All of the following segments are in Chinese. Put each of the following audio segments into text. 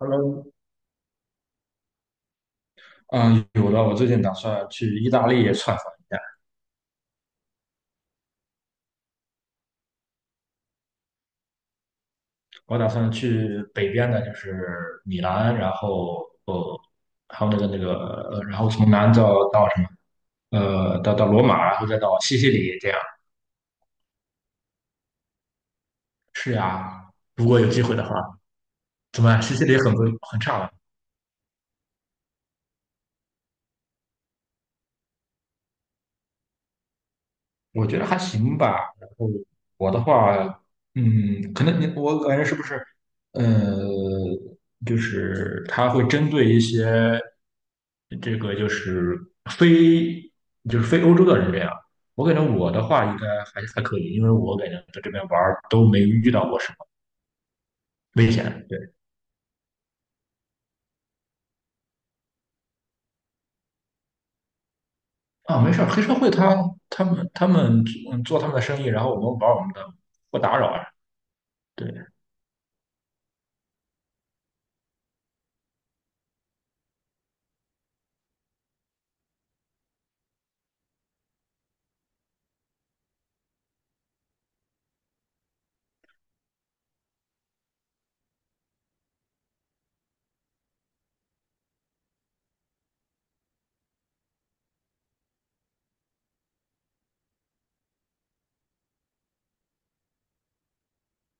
Hello，嗯，有的，我最近打算去意大利窜访一下。我打算去北边的，就是米兰，然后还有那个，呃，然后从南到什么，呃，到罗马，然后再到西西里，这样。是呀，如果有机会的话，怎么样？西西里很不很差吗？我觉得还行吧。然后我的话，嗯，可能你我感觉是不是，呃，就是他会针对一些这个就是非非欧洲的人这样。我感觉我的话应该还可以，因为我感觉在这边玩儿都没遇到过什么危险。对啊，没事儿，黑社会他他们嗯做他们的生意，然后我们玩我们的，不打扰啊。对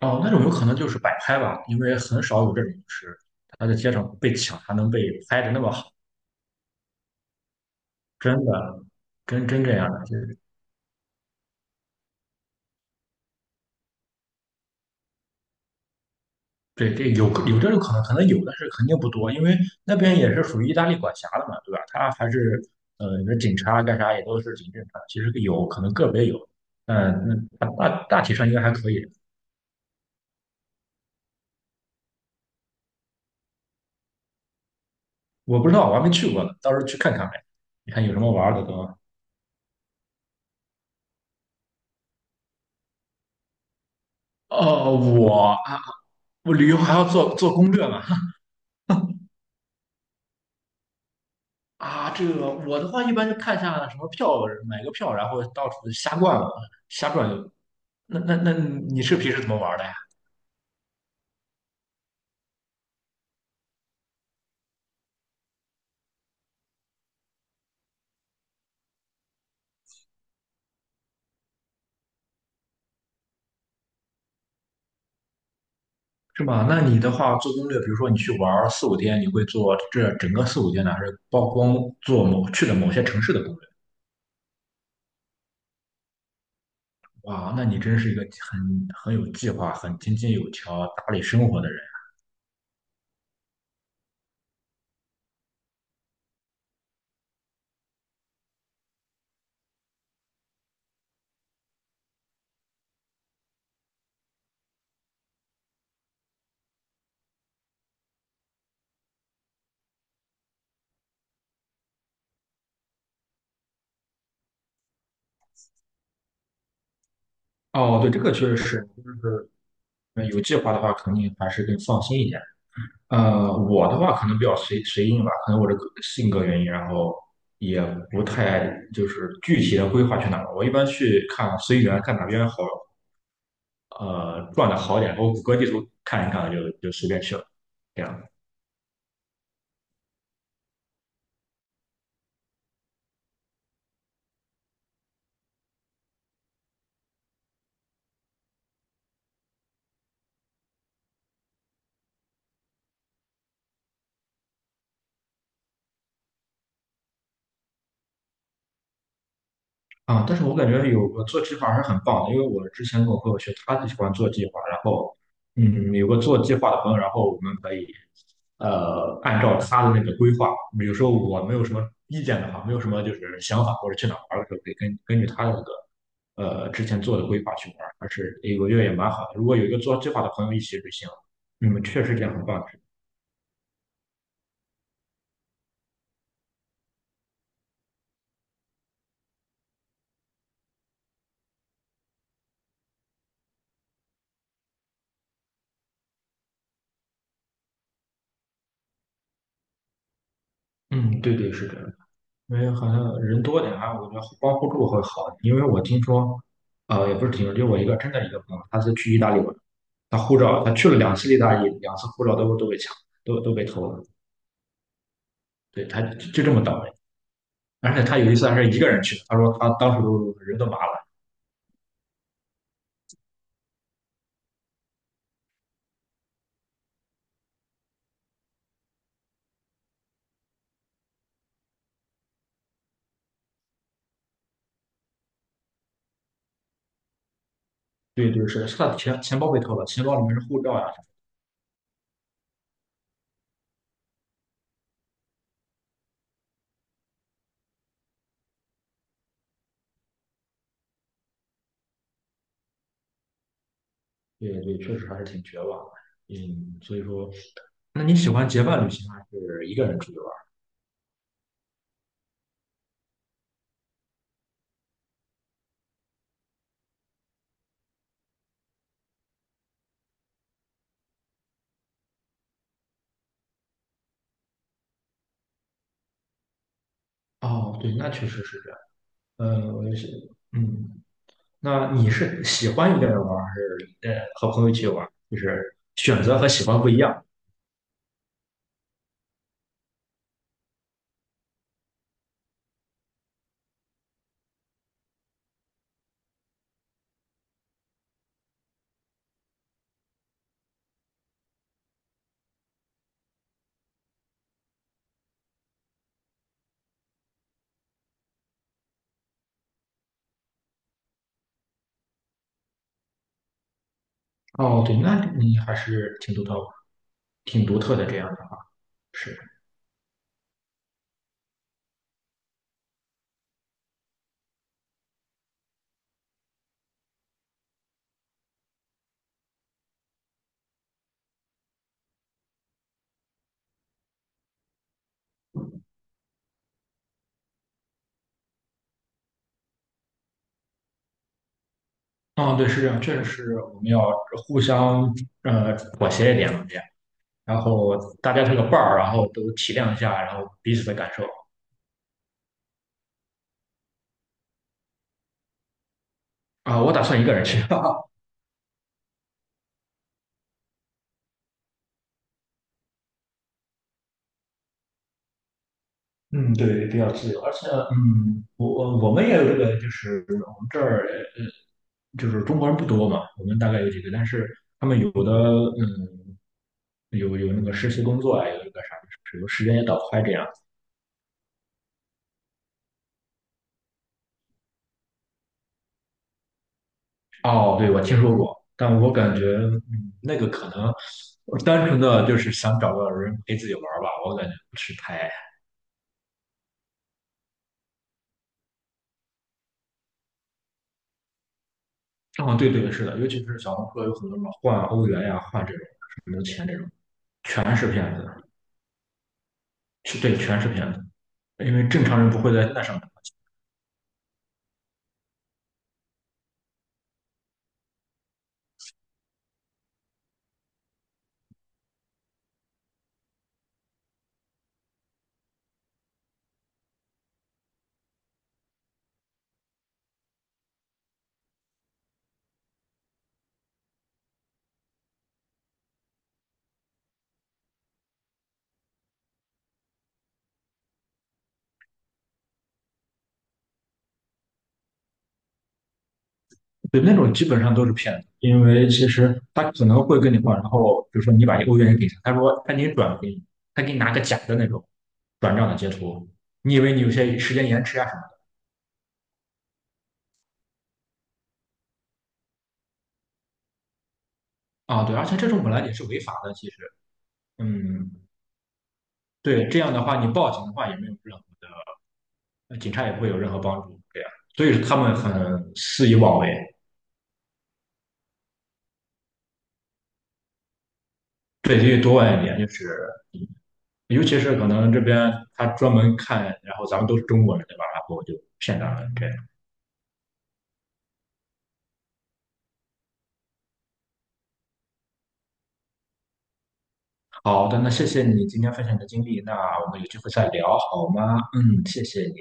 哦，那种有可能就是摆拍吧，因为很少有这种就是他在街上被抢还能被拍的那么好，真的真这样的，就是对这有这种可能，可能有，但是肯定不多，因为那边也是属于意大利管辖的嘛，对吧？他还是呃，你说警察干啥也都是挺正常，其实有可能个别有，嗯，那大体上应该还可以。我不知道，我还没去过呢，到时候去看看呗，你看有什么玩儿的都。哦，我啊，我旅游还要做攻略嘛。啊，这个我的话一般就看一下什么票，买个票，然后到处瞎逛嘛瞎转悠。那你是平时怎么玩的呀？是吗？那你的话做攻略，比如说你去玩四五天，你会做这整个四五天呢，还是曝光做某去的某些城市的攻略？哇，那你真是一个很有计划、很井井有条、打理生活的人。哦，对，这个确实是，就是呃有计划的话，肯定还是更放心一点。呃，我的话可能比较随性吧，可能我这个性格原因，然后也不太就是具体的规划去哪儿。我一般去看随缘，看哪边好，呃，转的好点，我谷歌地图看一看就随便去了。这样。啊，但是我感觉有个做计划还是很棒的，因为我之前跟我朋友去，他就喜欢做计划，然后，嗯，有个做计划的朋友，然后我们可以，呃，按照他的那个规划，比如说我没有什么意见的话，没有什么就是想法或者去哪儿玩的时候，可以根据他的那个，呃，之前做的规划去玩，还是诶我觉得也蛮好的。如果有一个做计划的朋友一起旅行，嗯，确实这样很棒。嗯，对，是的。因为好像人多点啊，我觉得互帮互助会好一点因为我听说，呃，也不是听说，就我一个真的一个朋友，他是去意大利玩，他护照他去了两次意大利，两次护照都被抢，都被偷了。对，他就这么倒霉。而且他有一次还是一个人去的，他说他当时都人都麻了。对，是他的钱包被偷了，钱包里面是护照呀、对，确实还是挺绝望的。嗯，所以说，那你喜欢结伴旅行还是一个人出去玩？哦，对，那确实是这样。嗯，我也是，嗯。那你是喜欢一个人玩还是呃和朋友一起玩就是选择和喜欢不一样。哦，对，那你还是挺独特，挺独特的这样的话是。嗯，对，是这样，确实是我们要互相呃妥协一点嘛，这样，然后大家这个伴儿，然后都体谅一下，然后彼此的感受啊。我打算一个人去。嗯，对，比较自由，而且，嗯，我我们也有这个，就是我们这儿，呃，就是中国人不多嘛，我们大概有几个，但是他们有的，嗯，有那个实习工作呀，有那个啥，就是有时间也倒开这样。哦，对，我听说过，但我感觉，嗯，那个可能单纯的就是想找个人陪自己玩儿吧，我感觉不是太……哦，对，是的，尤其是小红书有很多什么换欧元呀、换这种什么钱这种，全是骗子。是对，全是骗子，因为正常人不会在那上面。对，那种基本上都是骗子，因为其实他可能会跟你换，然后比如说你把一个欧元给他，他说他给你转给你，他给你拿个假的那种转账的截图，你以为你有些时间延迟啊什么的啊？对，而且这种本来也是违法的，其实，嗯，对，这样的话你报警的话也没有任何的，呃警察也不会有任何帮助，对呀。所以他们很肆意妄为，对，所以多问一点就是尤其是可能这边他专门看，然后咱们都是中国人，对吧？然后就骗到了这样。好的，那谢谢你今天分享的经历，那我们有机会再聊好吗？嗯，谢谢你。